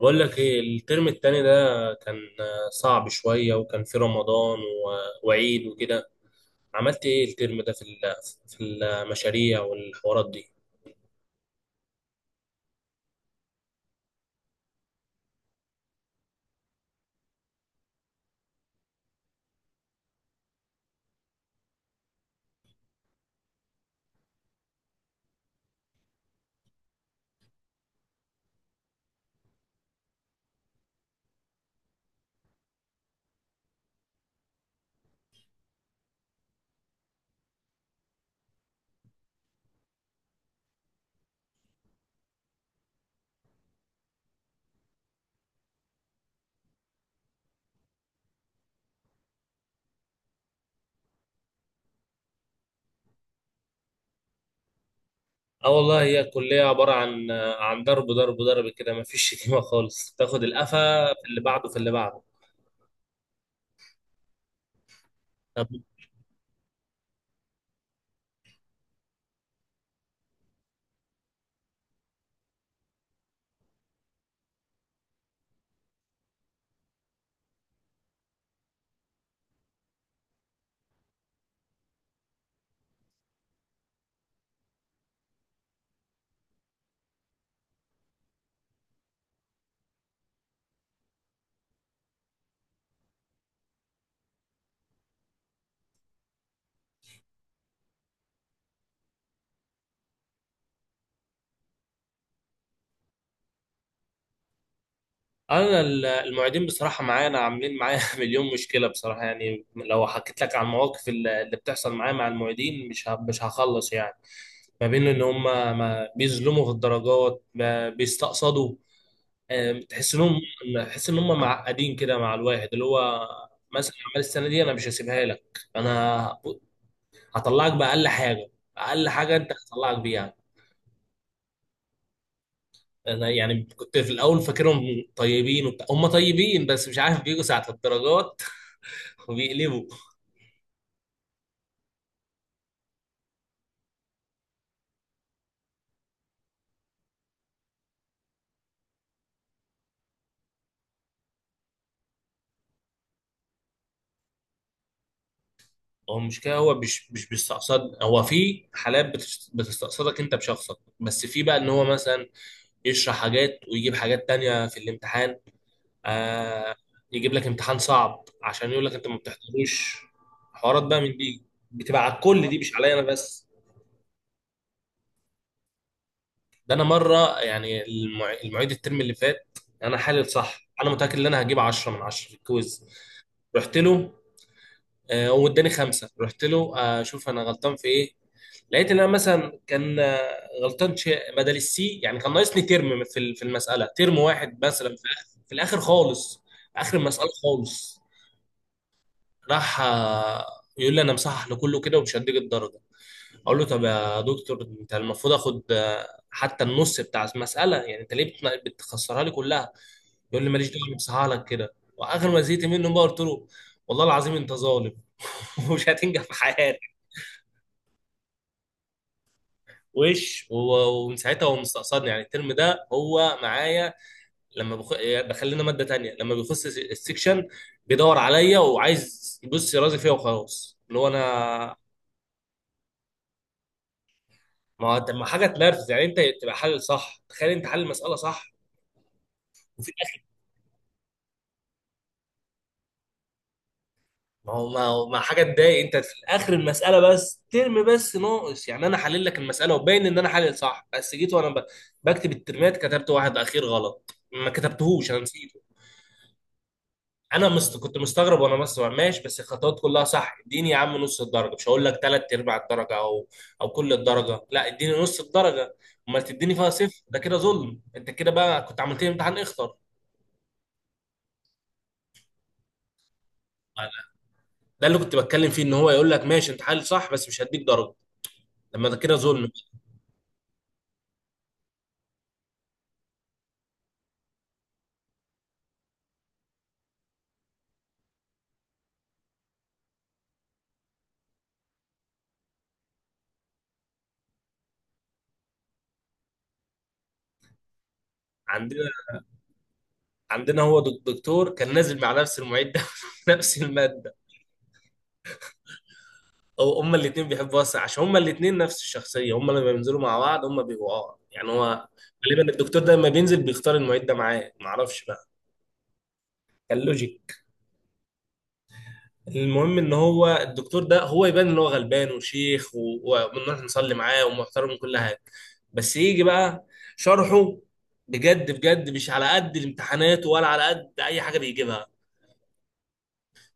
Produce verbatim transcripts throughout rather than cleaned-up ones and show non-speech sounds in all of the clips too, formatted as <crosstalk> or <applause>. بقول لك ايه الترم التاني ده كان آه، صعب شوية، وكان في رمضان و- وعيد وكده. عملت ايه الترم ده في ال- في المشاريع والحوارات دي؟ اه والله هي الكلية عبارة عن آه، عن ضرب ضرب ضرب كده، مفيش <laughs> شتيمة خالص، تاخد القفا في اللي بعده في اللي بعده. طب انا ال- المعيدين بصراحة معانا عاملين معايا <laughs> مليون مشكلة بصراحة. يعني لو حكيت لك عن المواقف اللي اللي بتحصل معايا مع المعيدين، مش ه- مش هخلص يعني. ما بين ان هم ما بيظلموا في الدرجات، ما بيستقصدوا، آه، تحس انهم تحس ان هم معقدين كده مع الواحد، اللي هو مثلا عمال السنه دي انا مش هسيبها لك، انا هطلعك باقل حاجه، اقل حاجه انت هطلعك بيها. انا يعني كنت في الاول فاكرهم طيبين وبتاع، هم طيبين بس مش عارف بيجوا ساعه الدرجات <laughs> وبيقلبوا. هو مش كده، هو مش مش بيستقصد، هو في حالات بتست- بتستقصدك انت بشخصك، بس في بقى ان هو مثلا يشرح حاجات ويجيب حاجات تانية في الامتحان، آه يجيب لك امتحان صعب عشان يقول لك انت ما بتحضروش. حوارات بقى من دي بتبقى على الكل، دي مش عليا انا بس. ده انا مره يعني المع- المعيد الترم اللي فات، انا حالل صح، انا متاكد ان انا هجيب عشرة من عشرة في الكويز. رحت له، آه واداني خمسه، رحت له، آه شوف انا غلطان في ايه. لقيت ان انا مثلا كان غلطان شيء بدل السي، يعني كان ناقصني ترم في ال- في المساله، ترم واحد مثلا في الاخر، في الاخر خالص، في اخر المساله خالص. راح آه، يقول لي انا مصحح لكله كده ومش هديك الدرجه. اقول له طب يا دكتور، انت المفروض اخد آه، حتى النص بتاع المساله، يعني انت ليه بتنا- بتخسرها لي كلها؟ يقول لي ماليش دعوه، أنا مصحح لك كده. واخر ما زهقت منه بقى قلت له والله العظيم انت ظالم <laughs> ومش هتنجح في حياتك. وش و- ومن ساعتها هو مستقصدني، يعني الترم ده هو معايا، لما بخ... دخلنا ماده تانية، لما بيخش الس- السكشن بيدور عليا وعايز يبص يرازي فيا وخلاص. اللي هو انا، ما هو- طب ما حاجه تنرفز، يعني انت تبقى حل صح، تخيل انت حل المساله صح وفي الاخر… ما هو ما هو ما حاجه تضايق؟ انت في الاخر المساله بس ترم بس ناقص، يعني انا حلل لك المساله وباين ان انا حلل صح، بس جيت وانا ب... بكتب الترمات كتبت واحد اخير غلط، ما كتبتهوش، انا نسيت. انا مست... كنت مستغرب وانا بسمع ماشي، بس الخطوات كلها صح. اديني يا عم نص الدرجه، مش هقول لك ثلاث ارباع الدرجه او او كل الدرجه، لا اديني نص الدرجه. امال تديني فيها صفر؟ ده كده ظلم. انت كده بقى كنت عملت لي امتحان اخطر. ده اللي كنت بتكلم فيه، ان هو يقول لك ماشي انت حل صح بس مش هديك درجه، لما ده كده ظلم. عندنا، عندنا هو دك- دكتور كان نازل مع نفس المعيد ده <laughs> في نفس الماده. أو هما الاتنين بيحبوا واسع عشان هما الاتنين نفس الشخصية، هما لما بينزلوا مع بعض هما بيبقوا اه. يعني هو غالبا الدكتور ده لما بينزل بيختار المعيد ده معاه، معرفش بقى. كان لوجيك. المهم ان هو الدكتور ده هو يبان ان هو غلبان وشيخ، و- وبنروح نصلي معاه ومحترم وكل حاجة، بس يجي بقى شرحه بجد بجد مش على قد الامتحانات ولا على قد اي حاجة بيجيبها.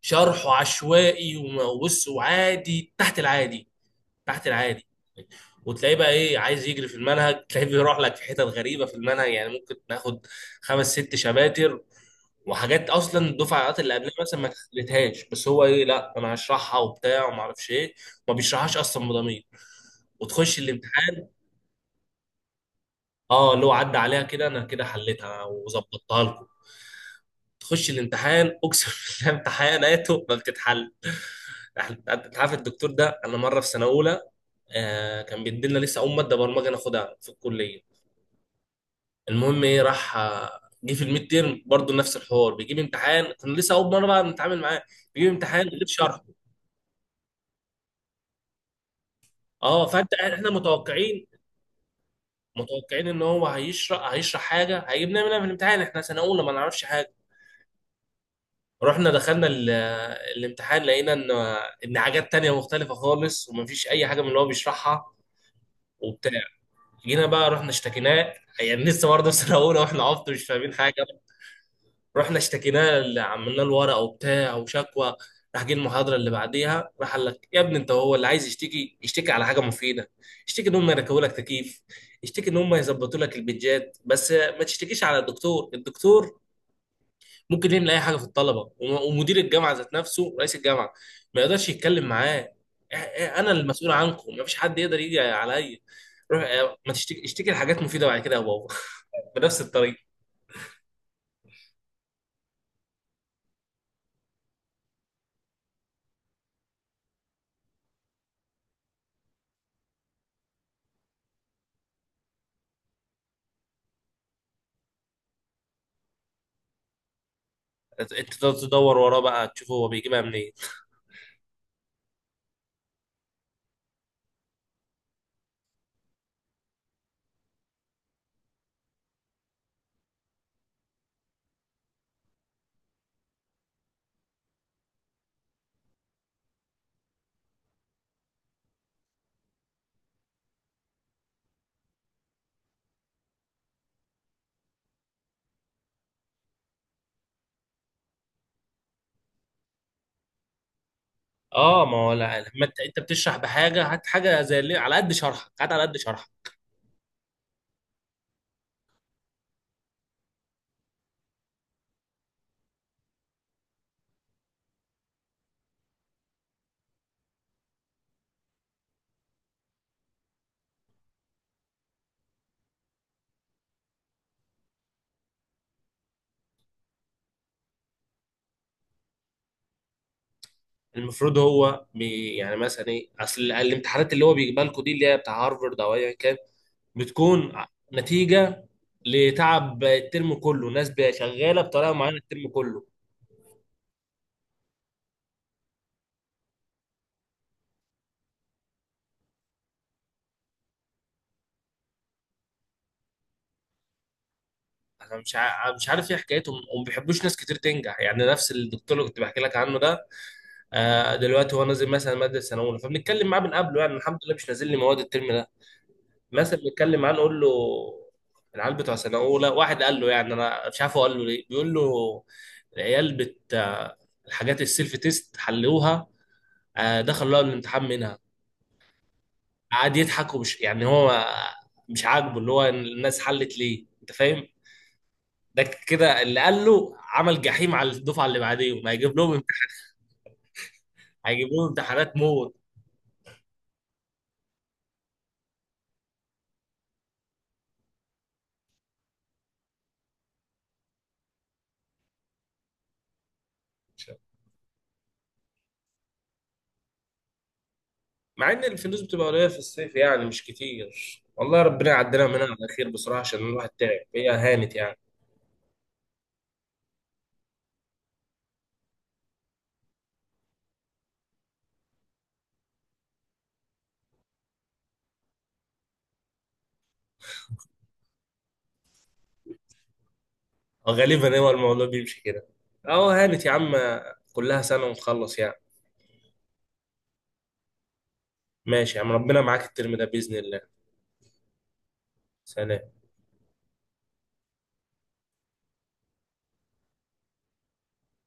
شرحه عشوائي، وبص وعادي، تحت العادي، تحت العادي. وتلاقيه بقى ايه، عايز يجري في المنهج، تلاقيه بيروح لك في حتت غريبه في المنهج، يعني ممكن ناخد خمس ست شباتر وحاجات اصلا الدفعات اللي قبلها مثلا ما اتعلمتهاش. بس هو ايه، لا انا هشرحها وبتاع وما اعرفش ايه، ما بيشرحهاش اصلا بضمير. وتخش الامتحان، اه اللي هو عدى عليها كده، انا كده حليتها وظبطتها لكم. تخش الامتحان اقسم بالله امتحاناته ما بتتحل. انت عارف الدكتور ده، انا مره في سنه اولى، آه كان بيدينا لسه اول ماده برمجه ناخدها في الكليه. المهم ايه، راح آه، جه في الميد تيرم برضه نفس الحوار، بيجيب امتحان، كنا لسه اول مره بقى نتعامل معاه، بيجيب امتحان غير شرحه. اه فانت، احنا متوقعين، متوقعين ان هو هيشرح هيشرح حاجه هيجيبنا منها في الامتحان، احنا سنه اولى ما نعرفش حاجه. رحنا دخلنا ال- الامتحان، لقينا ان ان حاجات تانية مختلفه خالص، ومفيش اي حاجه من اللي هو بيشرحها وبتاع. جينا بقى رحنا اشتكيناه، يعني لسه برضه في سنه اولى واحنا عبط مش فاهمين حاجه. رحنا اشتكيناه اللي عملنا له ورقه وبتاع وشكوى، راح جه المحاضره اللي بعديها راح قال لك يا ابني انت هو اللي عايز يشتكي، يشتكي على حاجه مفيده. اشتكي ان هم يركبوا لك تكييف، اشتكي ان هم يظبطوا لك البيتجات، بس ما تشتكيش على الدكتور. الدكتور ممكن يعمل اي حاجه في الطلبه، وم- ومدير الجامعه ذات نفسه، رئيس الجامعه ما يقدرش يتكلم معاه. اه- اه، انا المسؤول عنكم، ما فيش حد يقدر يجي عليا. روح اه، ما تشتكي، اشتكي لحاجات مفيده بعد كده يا بابا. <laughs> بنفس الطريقه. انت تدور وراه بقى تشوف هو بيجيبها منين. اه ما هو لا، لما انت انت بتشرح بحاجه هات حاجه زي اللي على قد شرحك، هات على قد شرحك. المفروض هو بي يعني مثلا ايه، اصل الامتحانات اللي هو بيجيبها لكم دي اللي هي بتاع هارفرد او ايا كان بتكون ع- نتيجه لتعب الترم كله، ناس بي- شغاله بطريقه معينه الترم كله. انا مش ع... مش عارف ايه حكايتهم وما بيحبوش ناس كتير تنجح. يعني نفس الدكتور اللي كنت بحكي لك عنه ده، آه دلوقتي هو نازل مثلا ماده سنه اولى، فبنتكلم معاه من قبله، يعني الحمد لله مش نازل لي مواد الترم ده. مثلا بيتكلم معاه نقول له العيال بتوع سنه اولى، واحد قال له، يعني انا مش عارف هو قال له ليه، بيقول له العيال بت الحاجات السيلف تيست حلوها، آه، دخلوا لقوا الامتحان منها. قعد يضحك، ومش يعني هو مش عاجبه اللي هو الناس حلت ليه، انت فاهم؟ ده كده اللي قال له عمل جحيم على الدفعه اللي بعديهم، هيجيب لهم امتحان، هيجيب لهم امتحانات موت. مع ان الفلوس بتبقى قليله في الصيف يعني مش كتير. والله ربنا يعدينا منها على خير بصراحه، عشان الواحد تعب، هي هانت يعني. غالبا هو الموضوع بيمشي كده. اهو هانت يا عم، كلها سنة ونخلص يعني. ماشي يا عم، ربنا معاك الترم ده بإذن الله. سلام.